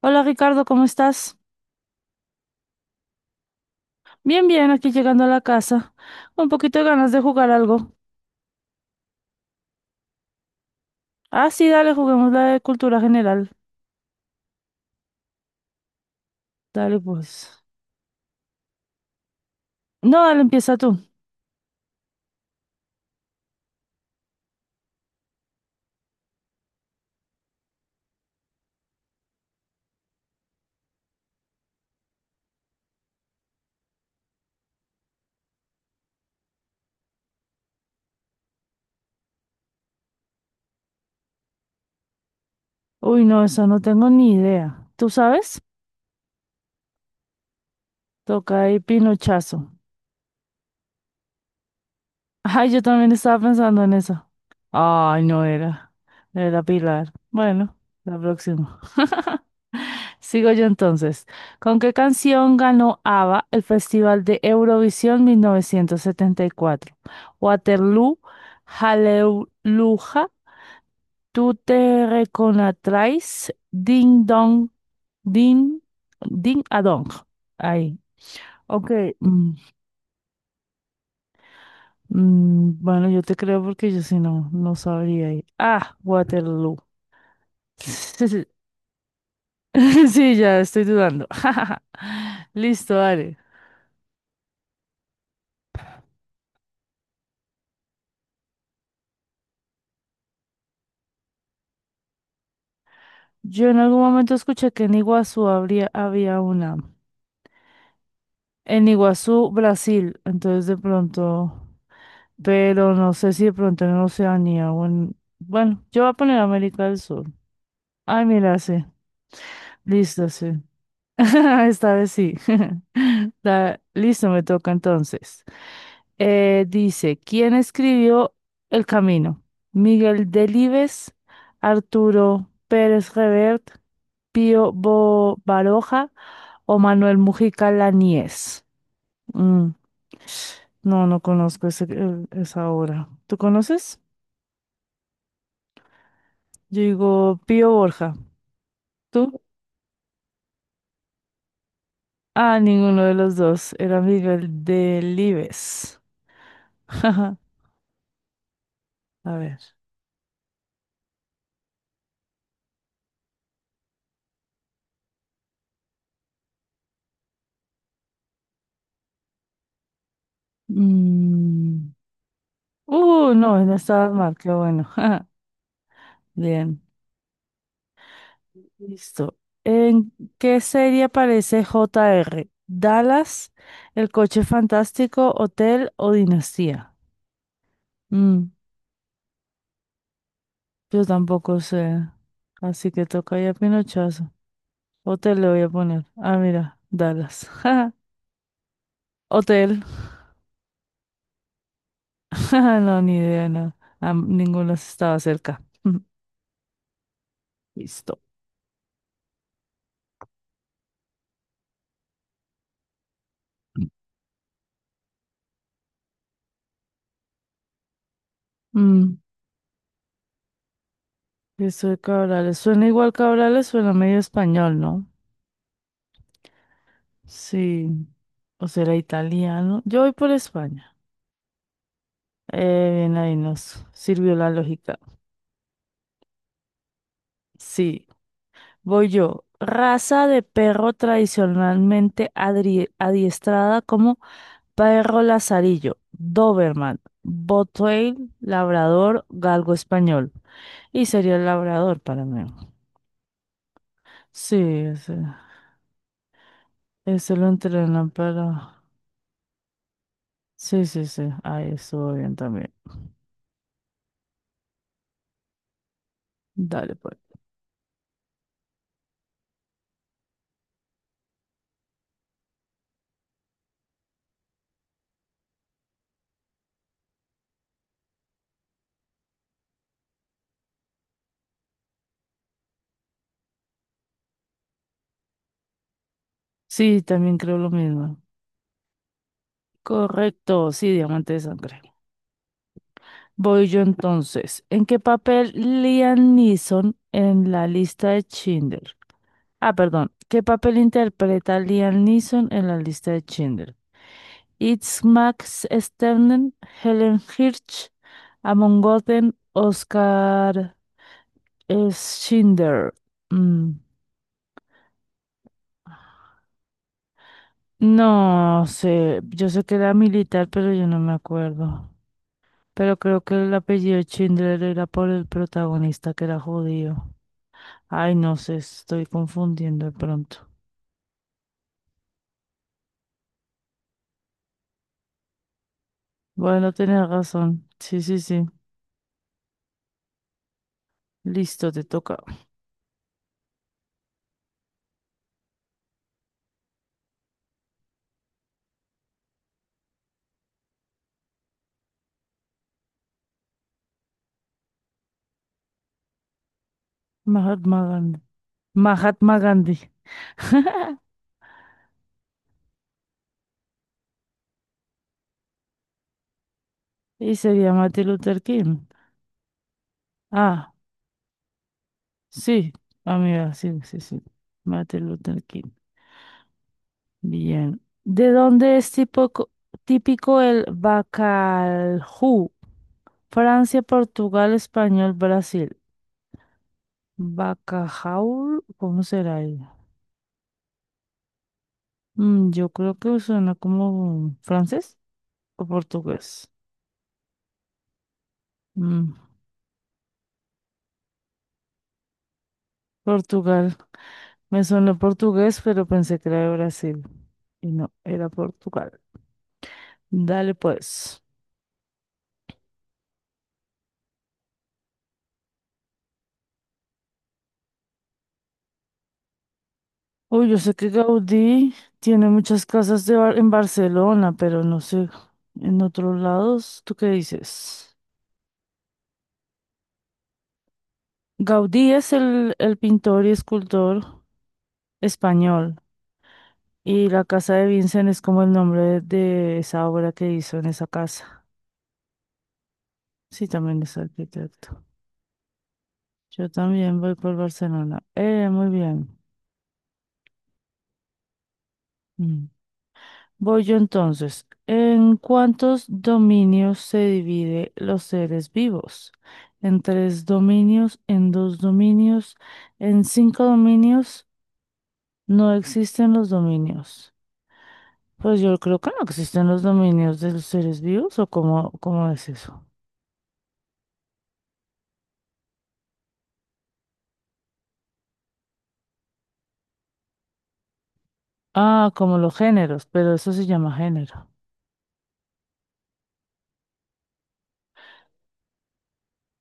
Hola Ricardo, ¿cómo estás? Bien, bien, aquí llegando a la casa. Un poquito de ganas de jugar algo. Ah, sí, dale, juguemos la de cultura general. Dale, pues. No, dale, empieza tú. Uy, no, eso no tengo ni idea. ¿Tú sabes? Toca ahí pinochazo. Ay, yo también estaba pensando en eso. Ay, no era. Era Pilar. Bueno, la próxima. Sigo yo entonces. ¿Con qué canción ganó ABBA el Festival de Eurovisión 1974? Waterloo, Hallelujah, tú te reconocerás, Ding Dong, Ding, Ding a Dong. Ahí. Ok. mm, bueno, yo te creo porque yo si no, no sabría ahí. Ah, Waterloo. Sí, sí, ya estoy dudando. Listo, dale. Yo en algún momento escuché que en Iguazú había una. En Iguazú, Brasil. Entonces de pronto, pero no sé si de pronto en Oceanía o en... Bueno, yo voy a poner América del Sur. Ay, mira, sí. Listo, sí. Esta vez sí. Listo, me toca entonces. Dice, ¿quién escribió El Camino? Miguel Delibes, Arturo Pérez Revert, Baroja o Manuel Mujica Laníez. Mm, No, no conozco ese, esa obra. ¿Tú conoces? Yo digo Pío Borja. ¿Tú? Ah, ninguno de los dos. Era Miguel Delibes. A ver. Mm, no, no estabas mal. Qué bueno. Bien. Listo. ¿En qué serie aparece JR? ¿Dallas, El Coche Fantástico, Hotel o Dinastía? Mm, yo tampoco sé. Así que toca ya pinochazo. Hotel le voy a poner. Ah, mira, Dallas. Hotel. No, ni idea, no. Ah, ninguno estaba cerca. Listo. Mm, eso de Cabrales. Suena igual Cabrales, suena medio español, ¿no? Sí. O será italiano. Yo voy por España. Bien, ahí nos sirvió la lógica. Sí, voy yo. Raza de perro tradicionalmente adiestrada como Perro Lazarillo, Doberman, Bottweil, Labrador, Galgo Español. Y sería el Labrador para mí. Sí, ese lo entrenan para... Sí, sí, sí, ahí estuvo bien también. Dale, pues. Sí, también creo lo mismo. Correcto, sí, diamante de sangre. Voy yo entonces. ¿En qué papel Liam Neeson en la lista de Schindler? Ah, perdón. ¿Qué papel interpreta Liam Neeson en la lista de Schindler? It's Max Sternen, Helen Hirsch, Amon Goten, Oscar Schindler. Mm, No sé, yo sé que era militar, pero yo no me acuerdo. Pero creo que el apellido Schindler era por el protagonista que era judío. Ay, no sé, estoy confundiendo de pronto. Bueno, tenés razón. Sí, sí, sí. Listo, te toca. Mahatma Gandhi. Mahatma Gandhi. Y sería Martin Luther King. Ah. Sí, amiga, sí, sí, sí. Martin Luther King. Bien. ¿De dónde es típico el bacalhau? Francia, Portugal, Español, Brasil. Bacalhau, ¿cómo será ello? Mm, yo creo que suena como francés o portugués. Mm, Portugal. Me sonó portugués, pero pensé que era de Brasil. Y no, era Portugal. Dale pues. Uy, yo sé que Gaudí tiene muchas casas en Barcelona, pero no sé, en otros lados, ¿tú qué dices? Gaudí es el pintor y escultor español, y la casa de Vincent es como el nombre de esa obra que hizo en esa casa. Sí, también es arquitecto. Yo también voy por Barcelona. Muy bien. Mm. Voy yo entonces. ¿En cuántos dominios se divide los seres vivos? ¿En tres dominios? ¿En dos dominios? ¿En cinco dominios? No existen los dominios. Pues yo creo que no existen los dominios de los seres vivos, ¿o cómo es eso? Ah, como los géneros, pero eso se llama género.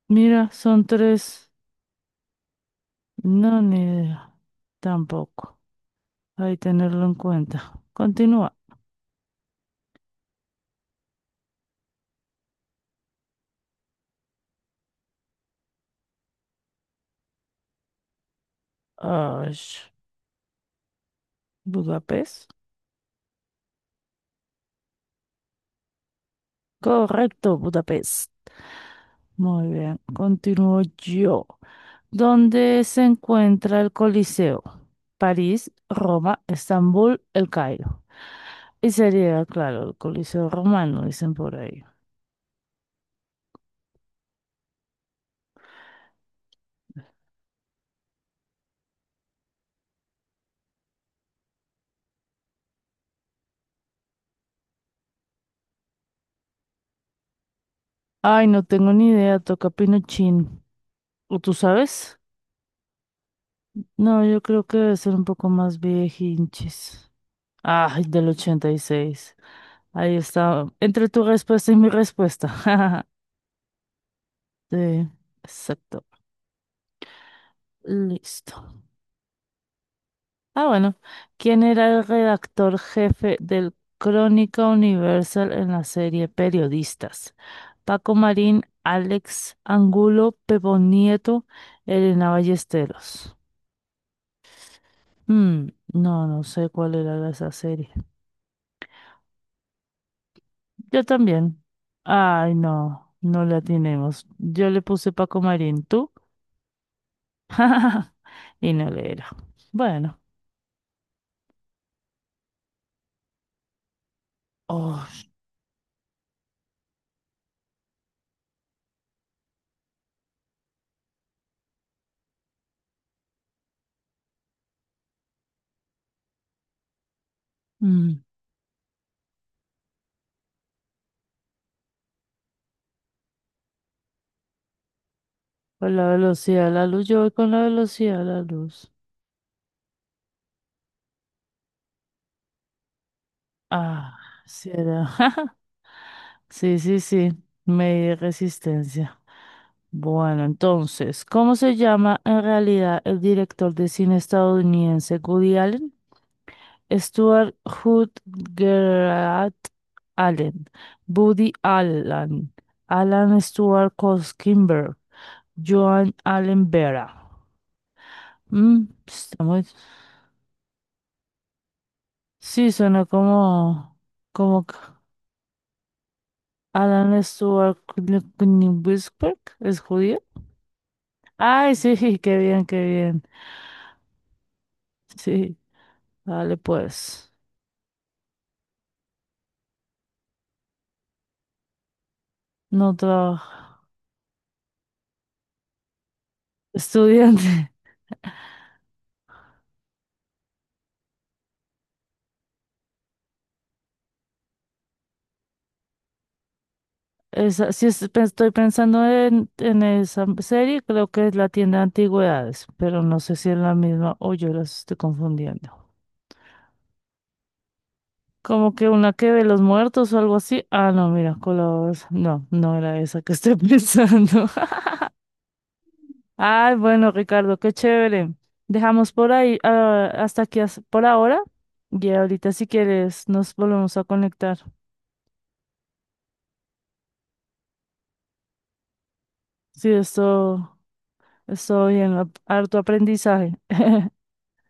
Mira, son tres. No, ni idea. Tampoco. Hay que tenerlo en cuenta. Continúa. Ay, Budapest. Correcto, Budapest. Muy bien, continúo yo. ¿Dónde se encuentra el Coliseo? París, Roma, Estambul, El Cairo. Y sería, claro, el Coliseo romano, dicen por ahí. Ay, no tengo ni idea, toca Pinochín. ¿O tú sabes? No, yo creo que debe ser un poco más hinches. Ay, del 86. Ahí está. Entre tu respuesta y mi respuesta. Sí, exacto. Listo. Ah, bueno. ¿Quién era el redactor jefe del Crónica Universal en la serie Periodistas? Paco Marín, Alex Angulo, Pepo Nieto, Elena Ballesteros. Mm, no, no sé cuál era esa serie. Yo también. Ay, no, no la tenemos. Yo le puse Paco Marín, ¿tú? Y no le era. Bueno. Oh, mm, Con la velocidad de la luz, yo voy con la velocidad de la luz. Ah, sí era. Sí, sí, sí. Medí resistencia. Bueno, entonces, ¿cómo se llama en realidad el director de cine estadounidense Woody Allen? Stuart Hood, Gerard Allen, Buddy Allen, Alan Stuart Kimber, Joan Allen Vera. Mm, está muy- Sí, suena como, como que Alan Stuart Whisker, ¿es judío? Ay, sí, qué bien, qué bien. Sí, vale, pues, no trabajo. Estudiante. Esa, estoy pensando en esa serie, creo que es la tienda de antigüedades, pero no sé si es la misma o yo las estoy confundiendo. Como que una que ve los muertos o algo así. Ah, no, mira, colabores. No, no era esa que estoy pensando. Ay, bueno, Ricardo, qué chévere. Dejamos por ahí, hasta aquí por ahora. Y ahorita si quieres nos volvemos a conectar. Sí, estoy en harto aprendizaje.